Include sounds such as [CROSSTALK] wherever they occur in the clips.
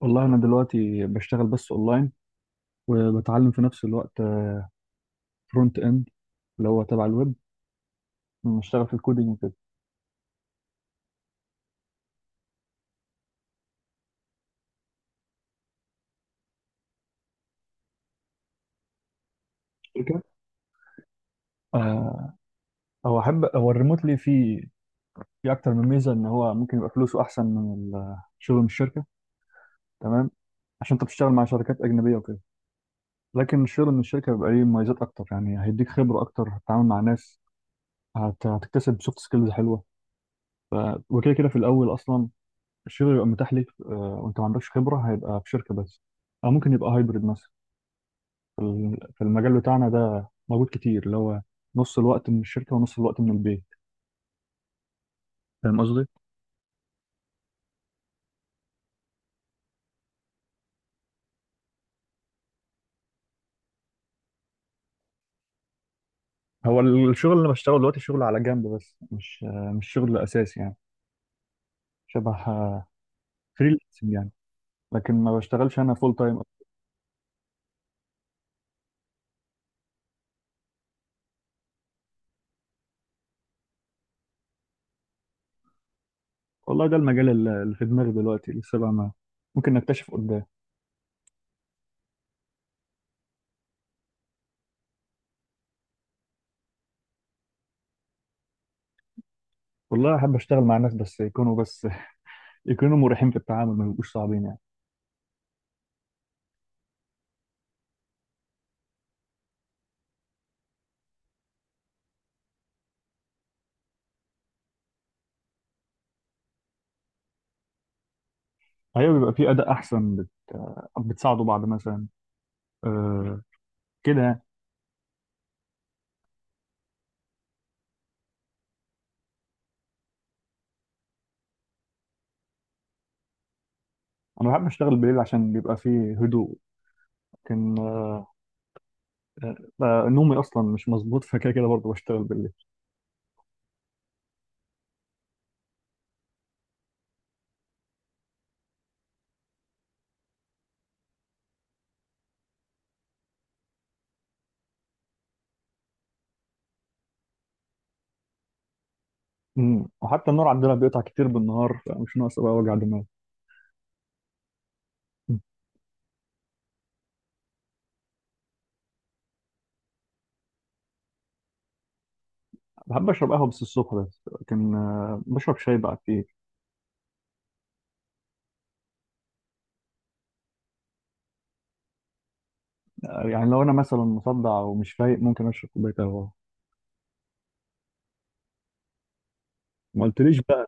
والله انا دلوقتي بشتغل بس اونلاين، وبتعلم في نفس الوقت فرونت اند اللي هو تبع الويب. بشتغل في الكودينج وكده شركة. آه، هو احب هو الريموتلي فيه، في اكتر من ميزه ان هو ممكن يبقى فلوسه احسن من الشغل من الشركه. تمام، عشان انت بتشتغل مع شركات اجنبيه وكده، لكن الشغل من الشركه بيبقى ليه مميزات اكتر، يعني هيديك خبره اكتر، هتتعامل مع ناس، هتكتسب سوفت سكيلز حلوه. ف... وكده كده في الاول اصلا الشغل يبقى متاح ليك، وانت ما عندكش خبره هيبقى في شركه بس، او ممكن يبقى هايبرد مثلا. في المجال بتاعنا ده موجود كتير، اللي هو نص الوقت من الشركة ونص الوقت من البيت. فاهم قصدي؟ الشغل اللي بشتغله دلوقتي شغل على جنب، بس مش شغل أساسي يعني. شبه فريلانسنج يعني، لكن ما بشتغلش أنا فول تايم. والله ده المجال اللي في دماغي دلوقتي، لسه بقى ما، ممكن نكتشف قدام. والله أحب أشتغل مع ناس، بس يكونوا [LAUGHS] يكونوا مريحين في التعامل، ما يبقوش صعبين يعني. أيوة بيبقى في أداء أحسن، بتساعدوا بعض مثلا. أه كده يعني. أنا بحب أشتغل بالليل عشان بيبقى فيه هدوء، لكن نومي اصلا مش مظبوط، فكده كده برضه بشتغل بالليل. وحتى النور عندنا بيقطع كتير بالنهار، فمش ناقص بقى وجع دماغ. مم. بحب اشرب قهوه بس الصبح بس، لكن بشرب شاي بقى كتير. يعني لو انا مثلا مصدع ومش فايق ممكن اشرب كوبايه قهوه. ما قلتليش بقى.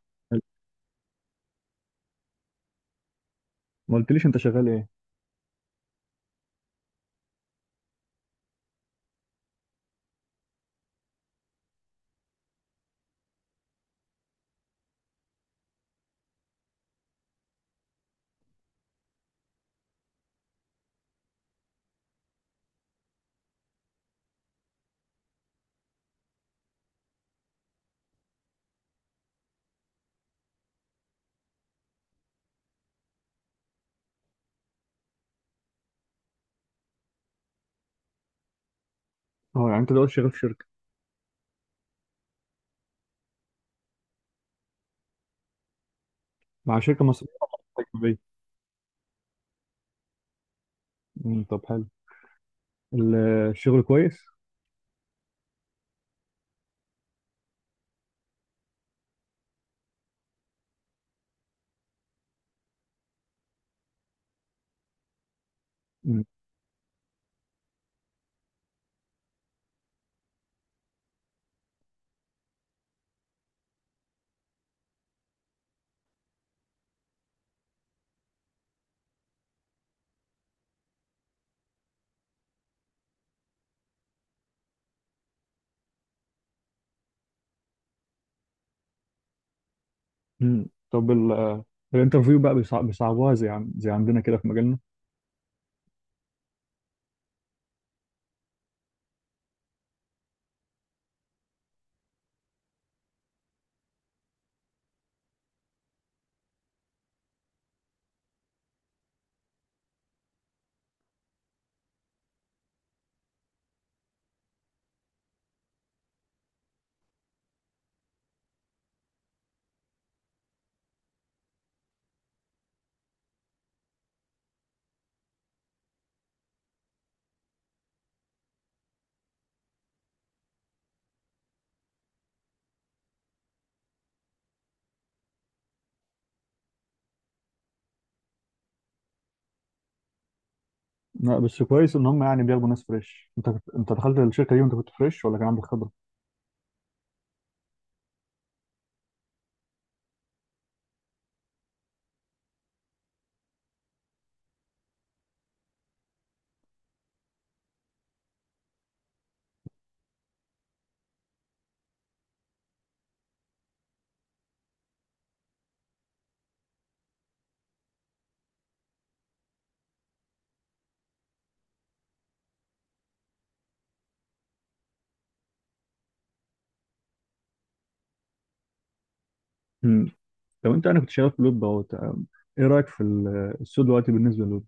ما قلتليش انت شغال ايه. اه يعني انت دلوقتي شغال في شركه؟ مع شركه مصريه ولا أجنبية؟ مم، طب حلو. ال- الشغل كويس. مم. مم. طب الانترفيو بقى بيصعبوها زي عندنا كده في مجالنا؟ لا بس كويس ان هم يعني بياخدوا ناس فريش. انت كنت... انت دخلت الشركه دي وانت كنت فريش ولا كان عندك خبره؟ مم. لو انت، انا كنت شغال في لوب اهو تمام. ايه رايك في السوق دلوقتي بالنسبه للوب؟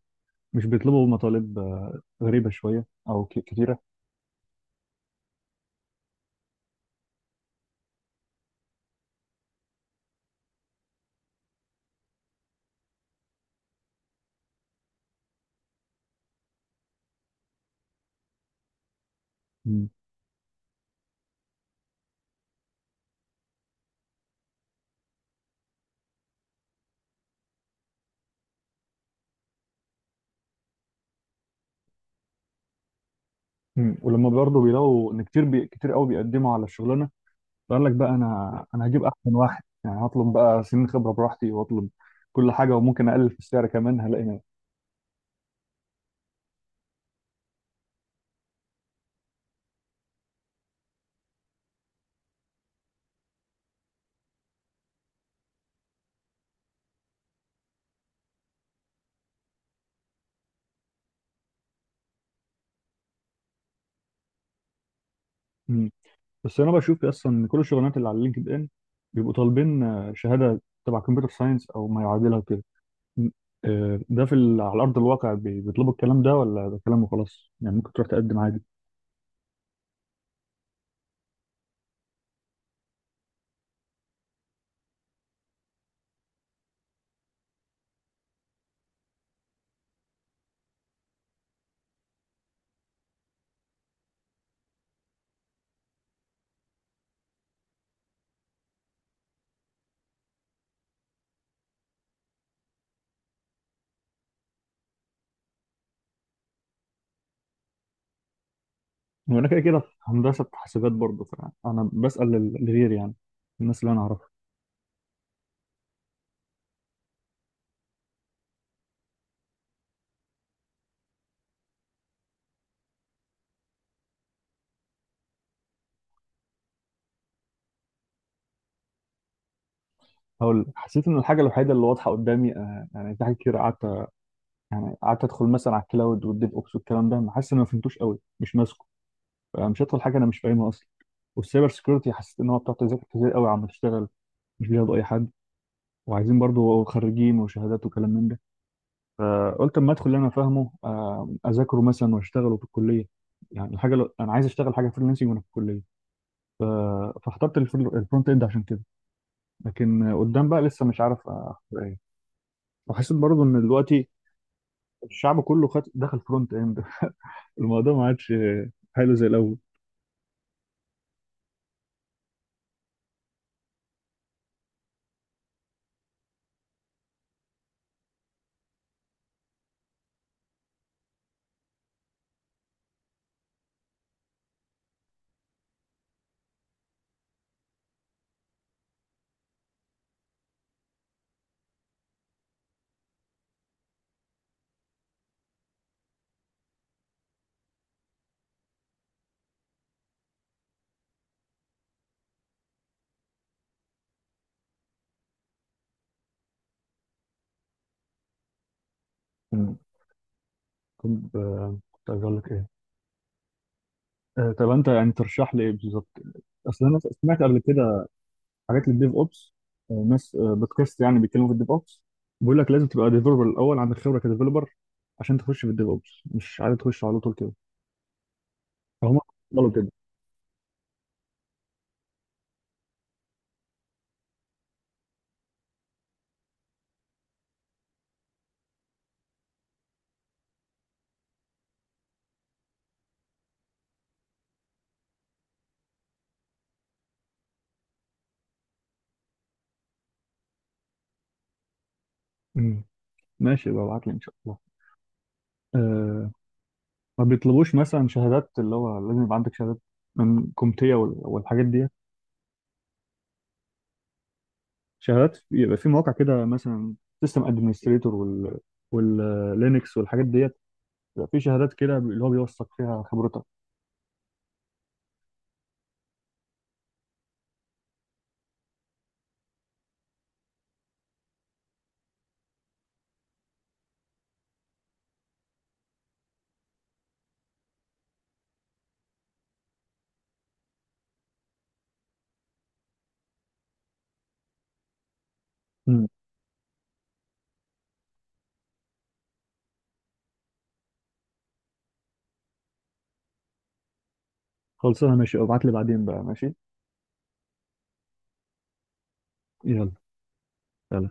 مش بيطلبوا مطالب غريبه شويه او كتيره؟ مم. مم. ولما برضه بيلاقوا ان كتير، كتير قوي بيقدموا على الشغلانه، فقال لك بقى انا، هجيب احسن واحد يعني، هطلب بقى سنين خبره براحتي واطلب كل حاجه، وممكن اقلل في السعر كمان هلاقي ناس. بس انا بشوف اصلا ان كل الشغلانات اللي على لينكد ان بيبقوا طالبين شهاده تبع كمبيوتر ساينس او ما يعادلها كده. م- ده في على ارض الواقع بيطلبوا الكلام ده، ولا ده كلام وخلاص يعني ممكن تروح تقدم عادي؟ وانا كده كده في هندسه حاسبات برضه، فانا بسال لغيري يعني، الناس اللي انا اعرفها. هقول لك، حسيت ان الحاجه الوحيده اللي واضحه قدامي، يعني في حاجات كتير قعدت ادخل مثلا على الكلاود والديف اوبس والكلام ده، ما حاسس ان أنا ما فهمتوش قوي، مش ماسكه. مش هدخل حاجه انا مش فاهمها اصلا. والسايبر سكيورتي حسيت ان هو بتاع تذاكر كتير قوي عم تشتغل، مش بياخدوا اي حد، وعايزين برضو خريجين وشهادات وكلام من ده. فقلت اما ادخل اللي انا فاهمه، اذاكره مثلا واشتغله في الكليه، يعني الحاجه لو انا عايز اشتغل حاجه فريلانسنج وانا في الكليه. ف... فاخترت الفرونت اند عشان كده، لكن قدام بقى لسه مش عارف اختار ايه. وحسيت برضو ان دلوقتي الشعب كله خد دخل فرونت اند. [LAUGHS] الموضوع ما عادش حلو زي الاول. مم. كنت كنت عايز اقول لك ايه. طب انت يعني ترشح لي ايه بالظبط؟ اصل انا سمعت قبل كده حاجات للديف اوبس، ناس بودكاست يعني بيتكلموا في الديف اوبس، بيقول لك لازم تبقى ديفلوبر الاول، عندك خبره كديفلوبر عشان تخش في الديف اوبس، مش عايز تخش على طول كده. فهم. قالوا كده. مم. ماشي بقى ابعت لي ان شاء الله. أه. ما بيطلبوش مثلا شهادات اللي هو لازم يبقى عندك شهادات من كومتيا والحاجات دي؟ شهادات يبقى في مواقع كده مثلا سيستم ادمنستريتور واللينكس والحاجات ديت. يبقى في شهادات كده اللي هو بيوثق فيها خبرتك. مم. خلصانه ماشي، ابعت لي بعدين بقى. ماشي. يلا. يلا.